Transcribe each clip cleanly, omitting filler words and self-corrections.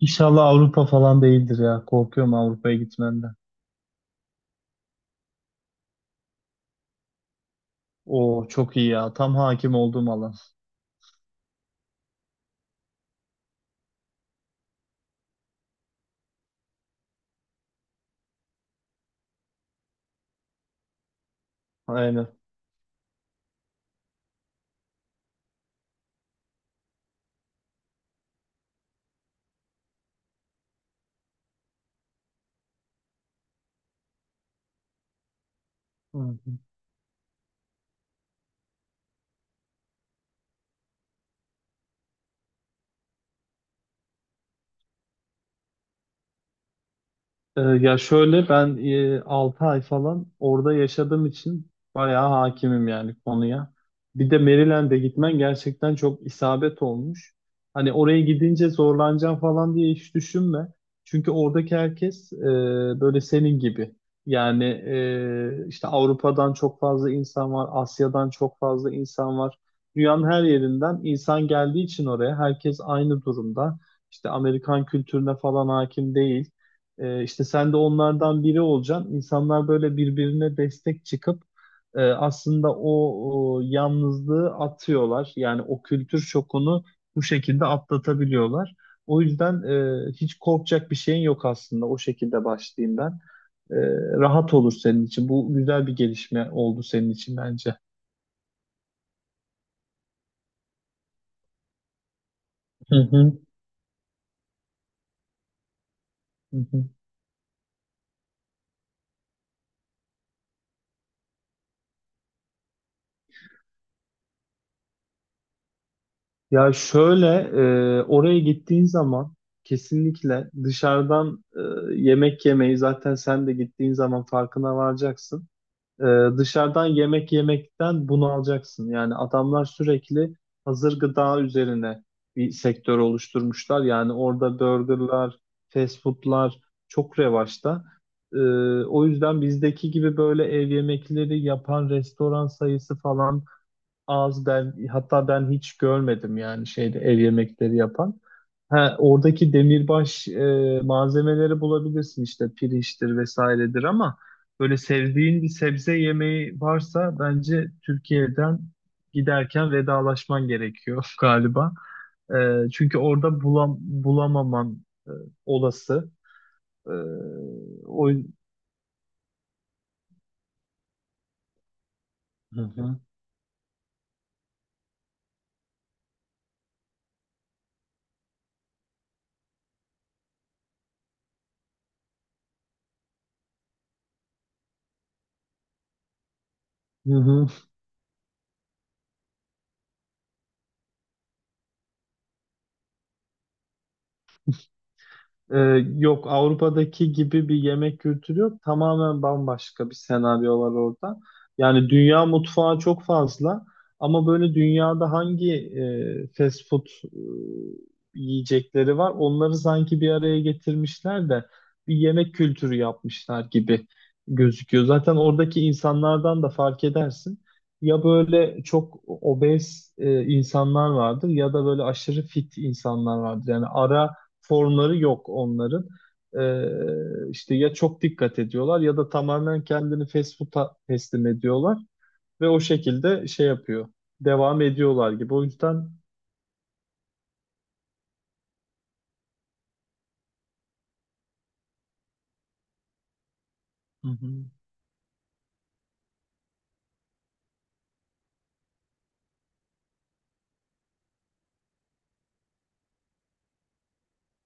İnşallah Avrupa falan değildir ya. Korkuyorum Avrupa'ya gitmenden. Oo çok iyi ya. Tam hakim olduğum alan. Aynen. Hı hı. Ya şöyle ben 6 ay falan orada yaşadığım için bayağı hakimim yani konuya. Bir de Maryland'e gitmen gerçekten çok isabet olmuş. Hani oraya gidince zorlanacağım falan diye hiç düşünme. Çünkü oradaki herkes böyle senin gibi. Yani işte Avrupa'dan çok fazla insan var, Asya'dan çok fazla insan var. Dünyanın her yerinden insan geldiği için oraya herkes aynı durumda. İşte Amerikan kültürüne falan hakim değil. İşte sen de onlardan biri olacaksın. İnsanlar böyle birbirine destek çıkıp aslında o yalnızlığı atıyorlar. Yani o kültür şokunu bu şekilde atlatabiliyorlar. O yüzden hiç korkacak bir şeyin yok aslında. O şekilde başlayayım ben. E, Rahat olur senin için. Bu güzel bir gelişme oldu senin için bence. Hı hı. Hı hı. Ya şöyle oraya gittiğin zaman kesinlikle dışarıdan yemek yemeyi zaten sen de gittiğin zaman farkına varacaksın. E, Dışarıdan yemek yemekten bunu alacaksın. Yani adamlar sürekli hazır gıda üzerine bir sektör oluşturmuşlar. Yani orada burgerlar, fast foodlar çok revaçta. E, O yüzden bizdeki gibi böyle ev yemekleri yapan restoran sayısı falan az, hatta ben hiç görmedim yani şeyde ev yemekleri yapan. Ha, oradaki demirbaş malzemeleri bulabilirsin işte pirinçtir vesairedir ama böyle sevdiğin bir sebze yemeği varsa bence Türkiye'den giderken vedalaşman gerekiyor galiba. Çünkü orada bulamaman olası. E, o Hı hı. Hı hı. Ee, Yok, Avrupa'daki gibi bir yemek kültürü yok. Tamamen bambaşka bir senaryo var orada. Yani dünya mutfağı çok fazla, ama böyle dünyada hangi fast food yiyecekleri var, onları sanki bir araya getirmişler de bir yemek kültürü yapmışlar gibi gözüküyor. Zaten oradaki insanlardan da fark edersin. Ya böyle çok obez insanlar vardır ya da böyle aşırı fit insanlar vardır. Yani ara formları yok onların. İşte ya çok dikkat ediyorlar ya da tamamen kendini fast food'a teslim ediyorlar ve o şekilde şey yapıyor. Devam ediyorlar gibi. O yüzden. Hı hı.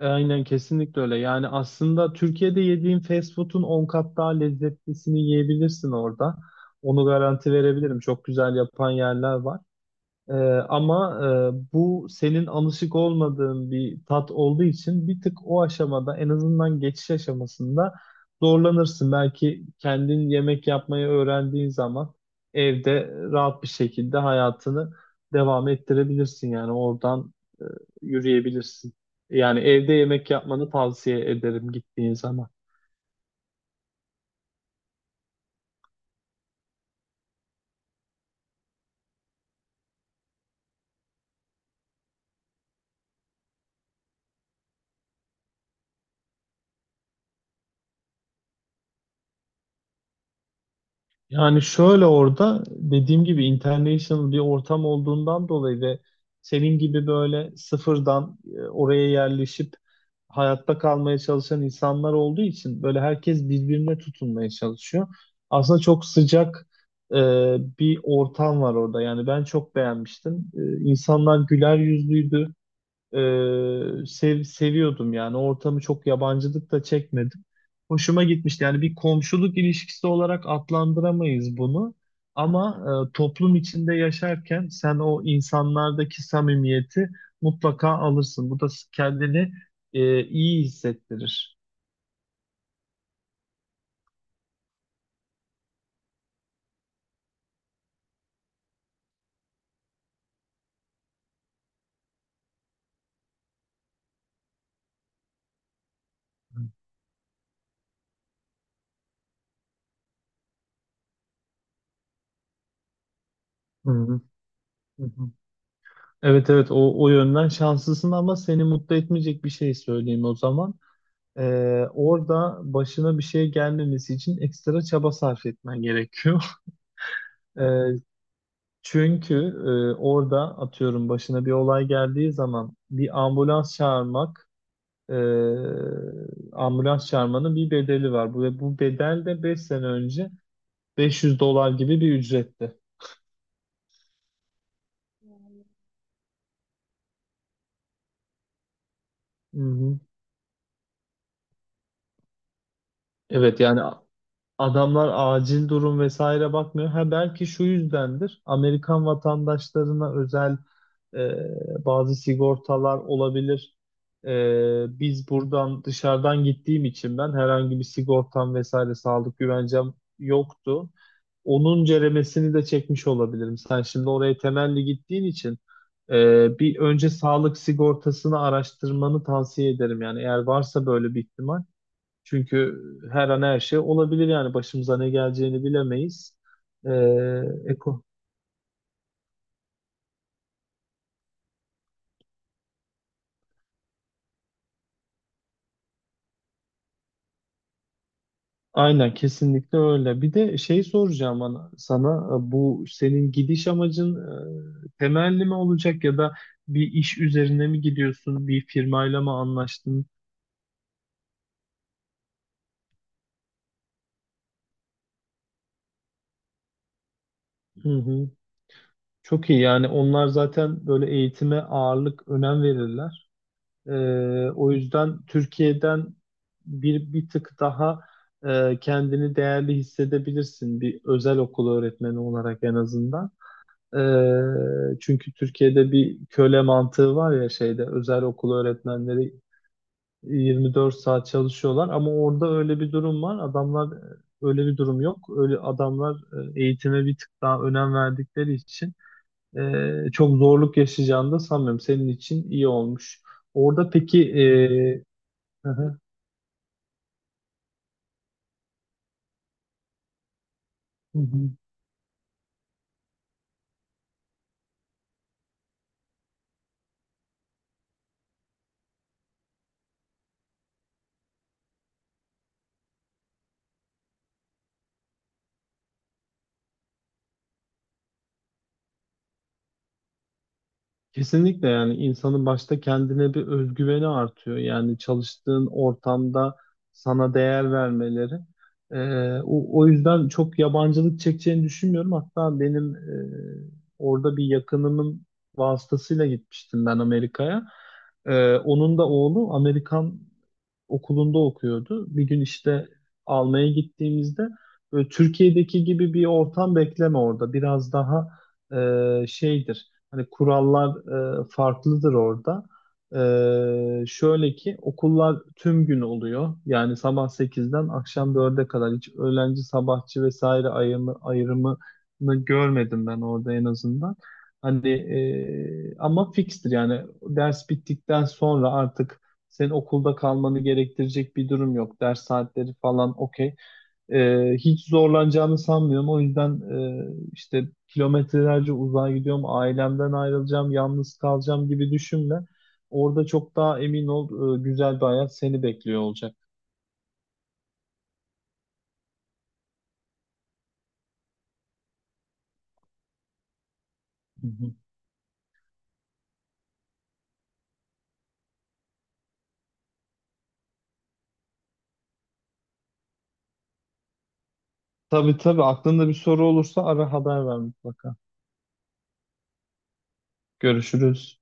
Aynen, kesinlikle öyle. Yani aslında Türkiye'de yediğin fast food'un 10 kat daha lezzetlisini yiyebilirsin orada. Onu garanti verebilirim. Çok güzel yapan yerler var. Ee, Ama bu senin alışık olmadığın bir tat olduğu için bir tık o aşamada, en azından geçiş aşamasında zorlanırsın. Belki kendin yemek yapmayı öğrendiğin zaman evde rahat bir şekilde hayatını devam ettirebilirsin. Yani oradan e, yürüyebilirsin. Yani evde yemek yapmanı tavsiye ederim gittiğin zaman. Yani şöyle, orada dediğim gibi international bir ortam olduğundan dolayı ve senin gibi böyle sıfırdan oraya yerleşip hayatta kalmaya çalışan insanlar olduğu için böyle herkes birbirine tutunmaya çalışıyor. Aslında çok sıcak e, bir ortam var orada. Yani ben çok beğenmiştim. İnsanlar güler yüzlüydü. Seviyordum yani. O ortamı çok, yabancılık da çekmedim. Hoşuma gitmişti. Yani bir komşuluk ilişkisi olarak adlandıramayız bunu. Ama toplum içinde yaşarken sen o insanlardaki samimiyeti mutlaka alırsın. Bu da kendini iyi hissettirir. Hı hı, hı hı. Evet, evet, o yönden şanslısın, ama seni mutlu etmeyecek bir şey söyleyeyim o zaman. Orada başına bir şey gelmemesi için ekstra çaba sarf etmen gerekiyor. Ee, Çünkü orada, atıyorum, başına bir olay geldiği zaman bir ambulans çağırmak, e, ambulans çağırmanın bir bedeli var. Ve bu bedel de 5 sene önce 500 dolar gibi bir ücretti. Hı hı. Evet, yani adamlar acil durum vesaire bakmıyor. Ha, belki şu yüzdendir. Amerikan vatandaşlarına özel bazı sigortalar olabilir. Biz buradan, dışarıdan gittiğim için ben herhangi bir sigortam vesaire sağlık güvencem yoktu. Onun ceremesini de çekmiş olabilirim. Sen şimdi oraya temelli gittiğin için bir önce sağlık sigortasını araştırmanı tavsiye ederim. Yani eğer varsa böyle bir ihtimal. Çünkü her an her şey olabilir, yani başımıza ne geleceğini bilemeyiz. Ee, eko. Aynen, kesinlikle öyle. Bir de şey soracağım sana, bu senin gidiş amacın temelli mi olacak ya da bir iş üzerine mi gidiyorsun? Bir firmayla mı anlaştın? Hı hı. Çok iyi yani, onlar zaten böyle eğitime ağırlık, önem verirler. O yüzden Türkiye'den bir tık daha kendini değerli hissedebilirsin, bir özel okul öğretmeni olarak en azından. Çünkü Türkiye'de bir köle mantığı var ya, şeyde özel okul öğretmenleri 24 saat çalışıyorlar, ama orada öyle bir durum var. Adamlar, öyle bir durum yok. Öyle adamlar eğitime bir tık daha önem verdikleri için çok zorluk yaşayacağını da sanmıyorum. Senin için iyi olmuş. Orada peki. Hı hı, hı hı. Kesinlikle, yani insanın başta kendine bir özgüveni artıyor. Yani çalıştığın ortamda sana değer vermeleri. O yüzden çok yabancılık çekeceğini düşünmüyorum. Hatta benim orada bir yakınımın vasıtasıyla gitmiştim ben Amerika'ya. Onun da oğlu Amerikan okulunda okuyordu. Bir gün işte almaya gittiğimizde, böyle Türkiye'deki gibi bir ortam bekleme orada. Biraz daha şeydir. Hani kurallar farklıdır orada. Şöyle ki okullar tüm gün oluyor. Yani sabah 8'den akşam 4'e kadar hiç öğlenci, sabahçı vesaire ayrımını görmedim ben orada en azından. Hani ama fikstir yani, ders bittikten sonra artık senin okulda kalmanı gerektirecek bir durum yok. Ders saatleri falan okey. Hiç zorlanacağını sanmıyorum. O yüzden işte kilometrelerce uzağa gidiyorum, ailemden ayrılacağım, yalnız kalacağım gibi düşünme. Orada çok daha emin ol, güzel bir hayat seni bekliyor olacak. Hı hı. Tabii, tabii, aklında bir soru olursa ara, haber ver mutlaka. Görüşürüz.